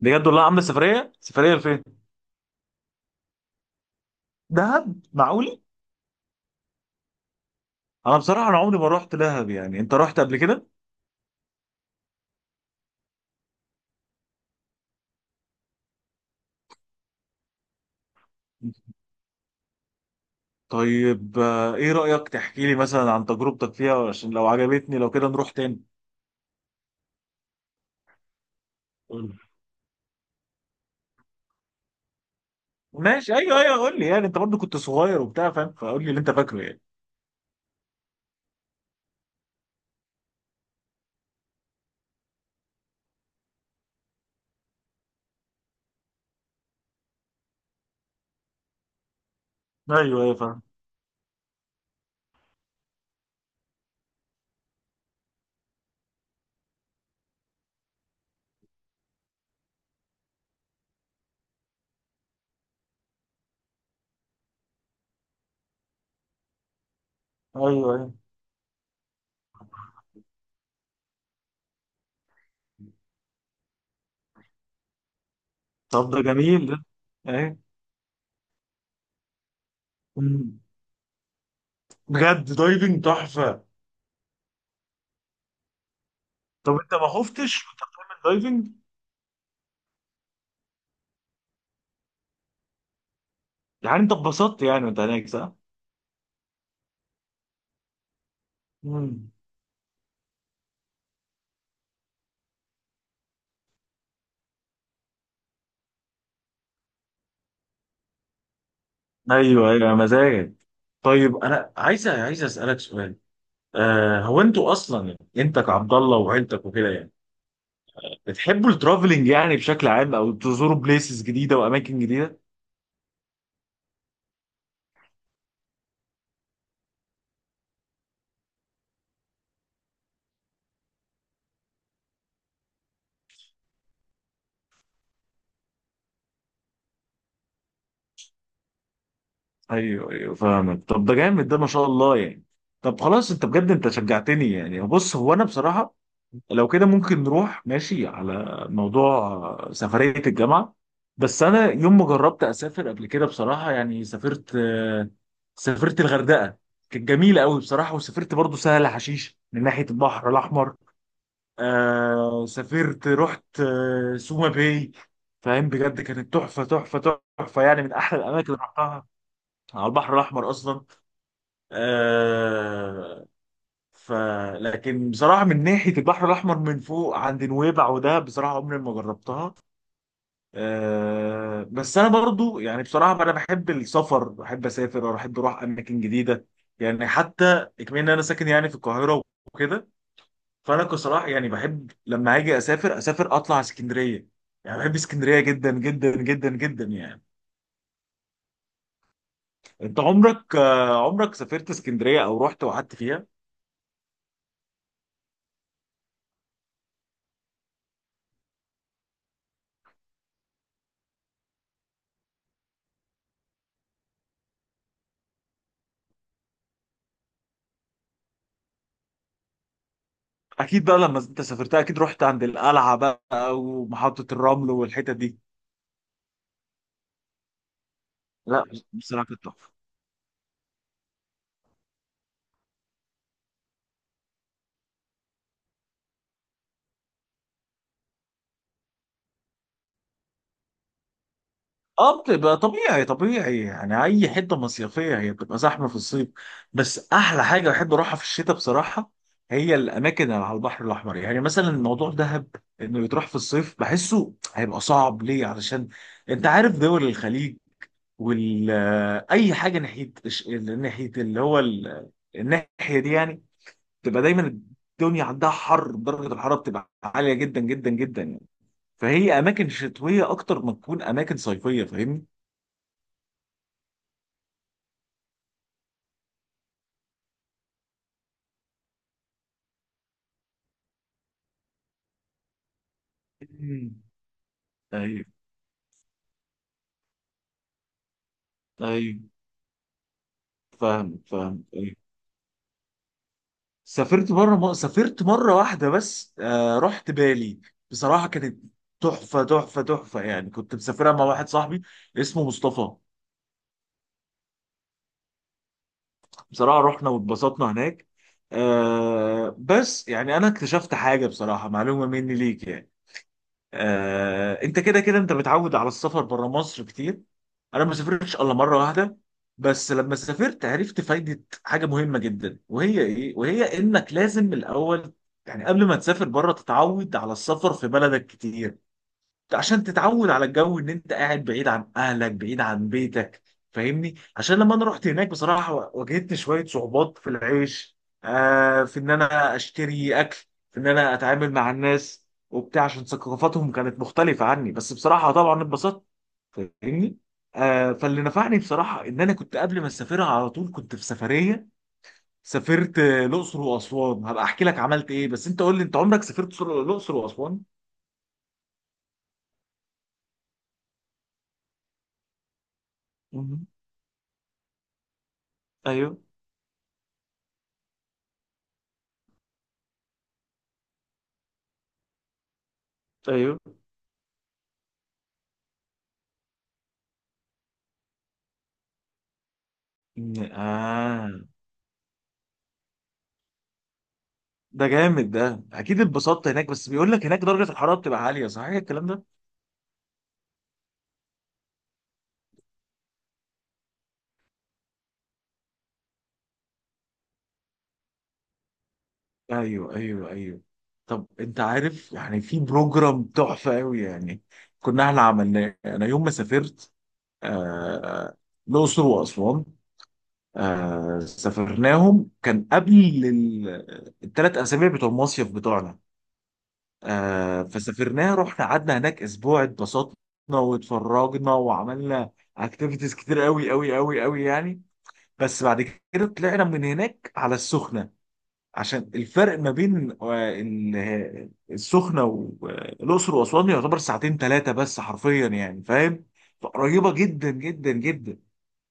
بجد والله، عامله سفريه سفريه لفين؟ دهب؟ معقول؟ انا بصراحه، انا عمري ما رحت دهب. يعني انت رحت قبل كده؟ طيب، ايه رايك تحكي لي مثلا عن تجربتك فيها عشان لو عجبتني لو كده نروح تاني. قول. ماشي، ايوه ايوه، قول لي. يعني انت برضو كنت صغير وبتاع، فاهم، فقول لي اللي انت فاكره يعني. ايوه ايوه فاهم. ايوه ايوه، طب ده جميل ده. ايوه. أمم. بجد، دايفنج تحفه. طب انت ما خفتش في الدايفنج؟ يعني انت اتبسطت يعني وانت هناك صح؟ أمم. ايوه ايوه، مزاجك. طيب انا عايز عايز اسالك سؤال. هو انتوا اصلا، يعني انت كعبد الله وعيلتك وكده، يعني بتحبوا الترافلينج يعني بشكل عام او تزوروا بليسز جديده واماكن جديده؟ ايوه ايوه فاهمك، طب ده جامد ده، ما شاء الله يعني. طب خلاص، انت بجد انت شجعتني يعني. بص، هو انا بصراحه لو كده ممكن نروح، ماشي، على موضوع سفرية الجامعة. بس أنا يوم ما جربت أسافر قبل كده بصراحة، يعني سافرت الغردقة. كانت جميلة قوي بصراحة. وسافرت برضو سهل حشيش من ناحية البحر الأحمر. آه سافرت رحت آه سوما باي. فاهم، بجد كانت تحفة تحفة تحفة، يعني من أحلى الأماكن اللي رحتها على البحر الأحمر أصلا. آه ف لكن بصراحه من ناحيه البحر الاحمر من فوق عند نويبع، وده بصراحه عمري ما جربتها. بس انا برضو، يعني بصراحه انا بحب السفر، بحب اسافر وبحب اروح اماكن جديده. يعني حتى كمان إن انا ساكن يعني في القاهره وكده. فانا بصراحه يعني بحب لما اجي اسافر، اسافر اطلع على اسكندريه. يعني بحب اسكندريه جدا جدا جدا جدا يعني. انت عمرك عمرك سافرت اسكندريه او رحت وقعدت فيها؟ اكيد بقى لما انت سافرتها اكيد رحت عند القلعه بقى ومحطه الرمل والحتت دي. لا، بصراحه كانت تحفه. اه بتبقى طبيعي طبيعي، يعني اي حته مصيفيه هي بتبقى زحمه في الصيف. بس احلى حاجه بحب اروحها في الشتاء بصراحه. هي الاماكن اللي على البحر الاحمر، يعني مثلا الموضوع دهب، انه يتروح في الصيف بحسه هيبقى صعب ليه، علشان انت عارف دول الخليج وال آه، اي حاجه ناحيه ناحيه اللي هو الناحيه دي، يعني تبقى دايما الدنيا عندها حر، درجه الحراره بتبقى عاليه جدا جدا جدا يعني. فهي اماكن شتويه اكتر ما تكون اماكن صيفيه، فاهمني؟ مم. ايوه ايوه، فاهم فاهم، ايوه. سافرت مره واحده بس، رحت بالي. بصراحه كانت تحفه تحفه تحفه، يعني كنت مسافرها مع واحد صاحبي اسمه مصطفى. بصراحه رحنا واتبسطنا هناك. بس يعني انا اكتشفت حاجه بصراحه، معلومه مني ليك يعني. انت كده كده انت متعود على السفر بره مصر كتير. انا ما سافرتش الا مره واحده. بس لما سافرت عرفت فايده حاجه مهمه جدا، وهي ايه؟ وهي انك لازم الاول، يعني قبل ما تسافر بره، تتعود على السفر في بلدك كتير، عشان تتعود على الجو ان انت قاعد بعيد عن اهلك بعيد عن بيتك، فاهمني؟ عشان لما انا رحت هناك بصراحة واجهت شوية صعوبات في العيش. في ان انا اشتري اكل، في ان انا اتعامل مع الناس وبتاع، عشان ثقافتهم كانت مختلفة عني. بس بصراحة طبعا اتبسطت، فاهمني. فاللي نفعني بصراحة ان انا كنت قبل ما اسافرها على طول كنت في سفرية. سافرت الاقصر واسوان. هبقى احكي لك عملت ايه، بس انت قول لي انت عمرك سافرت الاقصر واسوان؟ مهم. ايوه ايوه، آه ده جامد ده، أكيد اتبسطت هناك. بس بيقول لك هناك درجة الحرارة بتبقى عالية، صحيح الكلام ده؟ أيوه أيوه أيوه. طب أنت عارف يعني في بروجرام تحفة أوي يعني، كنا إحنا عملناه أنا يوم ما سافرت آه الأقصر وأسوان. سافرناهم كان قبل ال 3 أسابيع بتوع المصيف بتوعنا. فسافرناها، رحنا قعدنا هناك أسبوع، اتبسطنا واتفرجنا وعملنا اكتيفيتيز كتير قوي قوي قوي قوي يعني. بس بعد كده طلعنا من هناك على السخنة، عشان الفرق ما بين السخنة والأقصر وأسوان يعتبر ساعتين ثلاثة بس حرفيا، يعني فاهم؟ فقريبة جدا جدا جدا،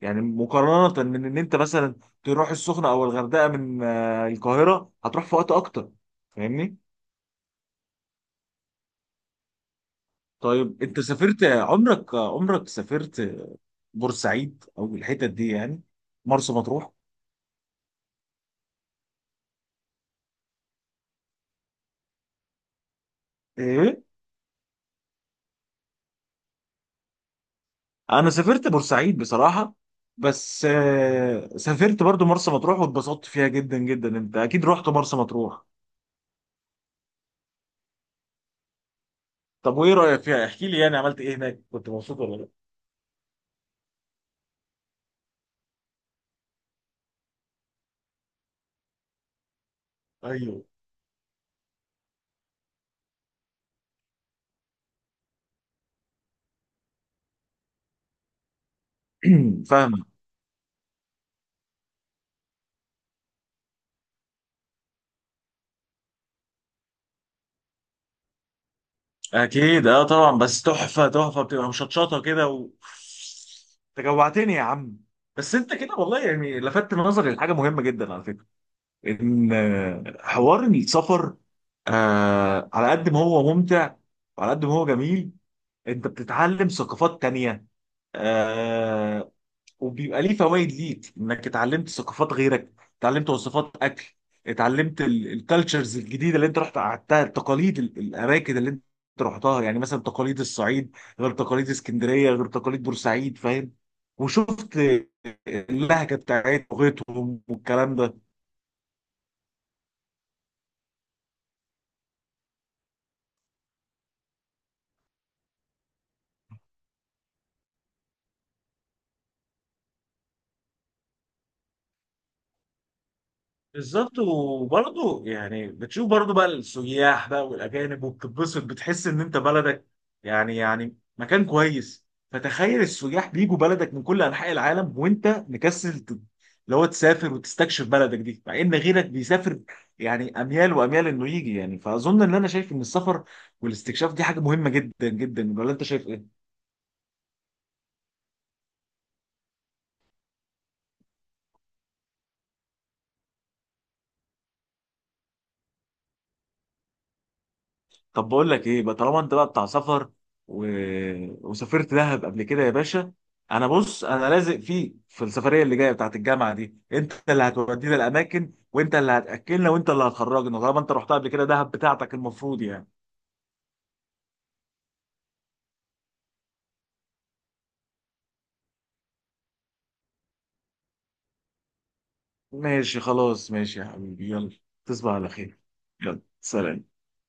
يعني مقارنة من إن أنت مثلا تروح السخنة أو الغردقة من القاهرة هتروح في وقت أكتر، فاهمني؟ طيب أنت سافرت عمرك عمرك سافرت بورسعيد أو الحتت دي، يعني مرسى مطروح؟ إيه؟ انا سافرت بورسعيد بصراحه. بس سافرت برضو مرسى مطروح واتبسطت فيها جدا جدا. انت اكيد رحت مرسى مطروح. طب وايه رايك فيها؟ احكي لي يعني عملت ايه هناك، كنت مبسوط ولا لا؟ ايوه. فاهمه. اكيد طبعا، بس تحفه تحفه، بتبقى مشطشطه كده. و انت جوعتني يا عم. بس انت كده والله يعني لفتت نظري لحاجه مهمه جدا على فكره، ان حوار السفر على قد ما هو ممتع وعلى قد ما هو جميل، انت بتتعلم ثقافات تانية. آه وبيبقى ليه فوائد ليك، انك اتعلمت ثقافات غيرك، اتعلمت وصفات اكل، اتعلمت الكالتشرز الجديده اللي انت رحت قعدتها، التقاليد، الاماكن اللي انت رحتها. يعني مثلا تقاليد الصعيد غير تقاليد اسكندريه غير تقاليد بورسعيد، فاهم؟ وشفت اللهجه بتاعتهم لغتهم والكلام ده. بالظبط. وبرضه يعني بتشوف برضه بقى السياح بقى والاجانب، وبتتبسط، بتحس ان انت بلدك، يعني مكان كويس. فتخيل السياح بيجوا بلدك من كل انحاء العالم، وانت مكسل، اللي هو تسافر وتستكشف بلدك دي، مع ان غيرك بيسافر يعني اميال واميال انه يجي يعني. فاظن ان انا شايف ان السفر والاستكشاف دي حاجه مهمه جدا جدا، ولا انت شايف ايه؟ طب بقول لك ايه بقى، طالما انت بقى بتاع سفر و... وسافرت دهب قبل كده يا باشا، انا بص انا لازق فيك في السفريه اللي جايه بتاعت الجامعه دي. انت اللي هتودينا الاماكن، وانت اللي هتاكلنا، وانت اللي هتخرجنا، طالما انت رحتها قبل كده، دهب بتاعتك المفروض يعني. ماشي خلاص، ماشي يا حبيبي، يلا. تصبح على خير. يلا سلام.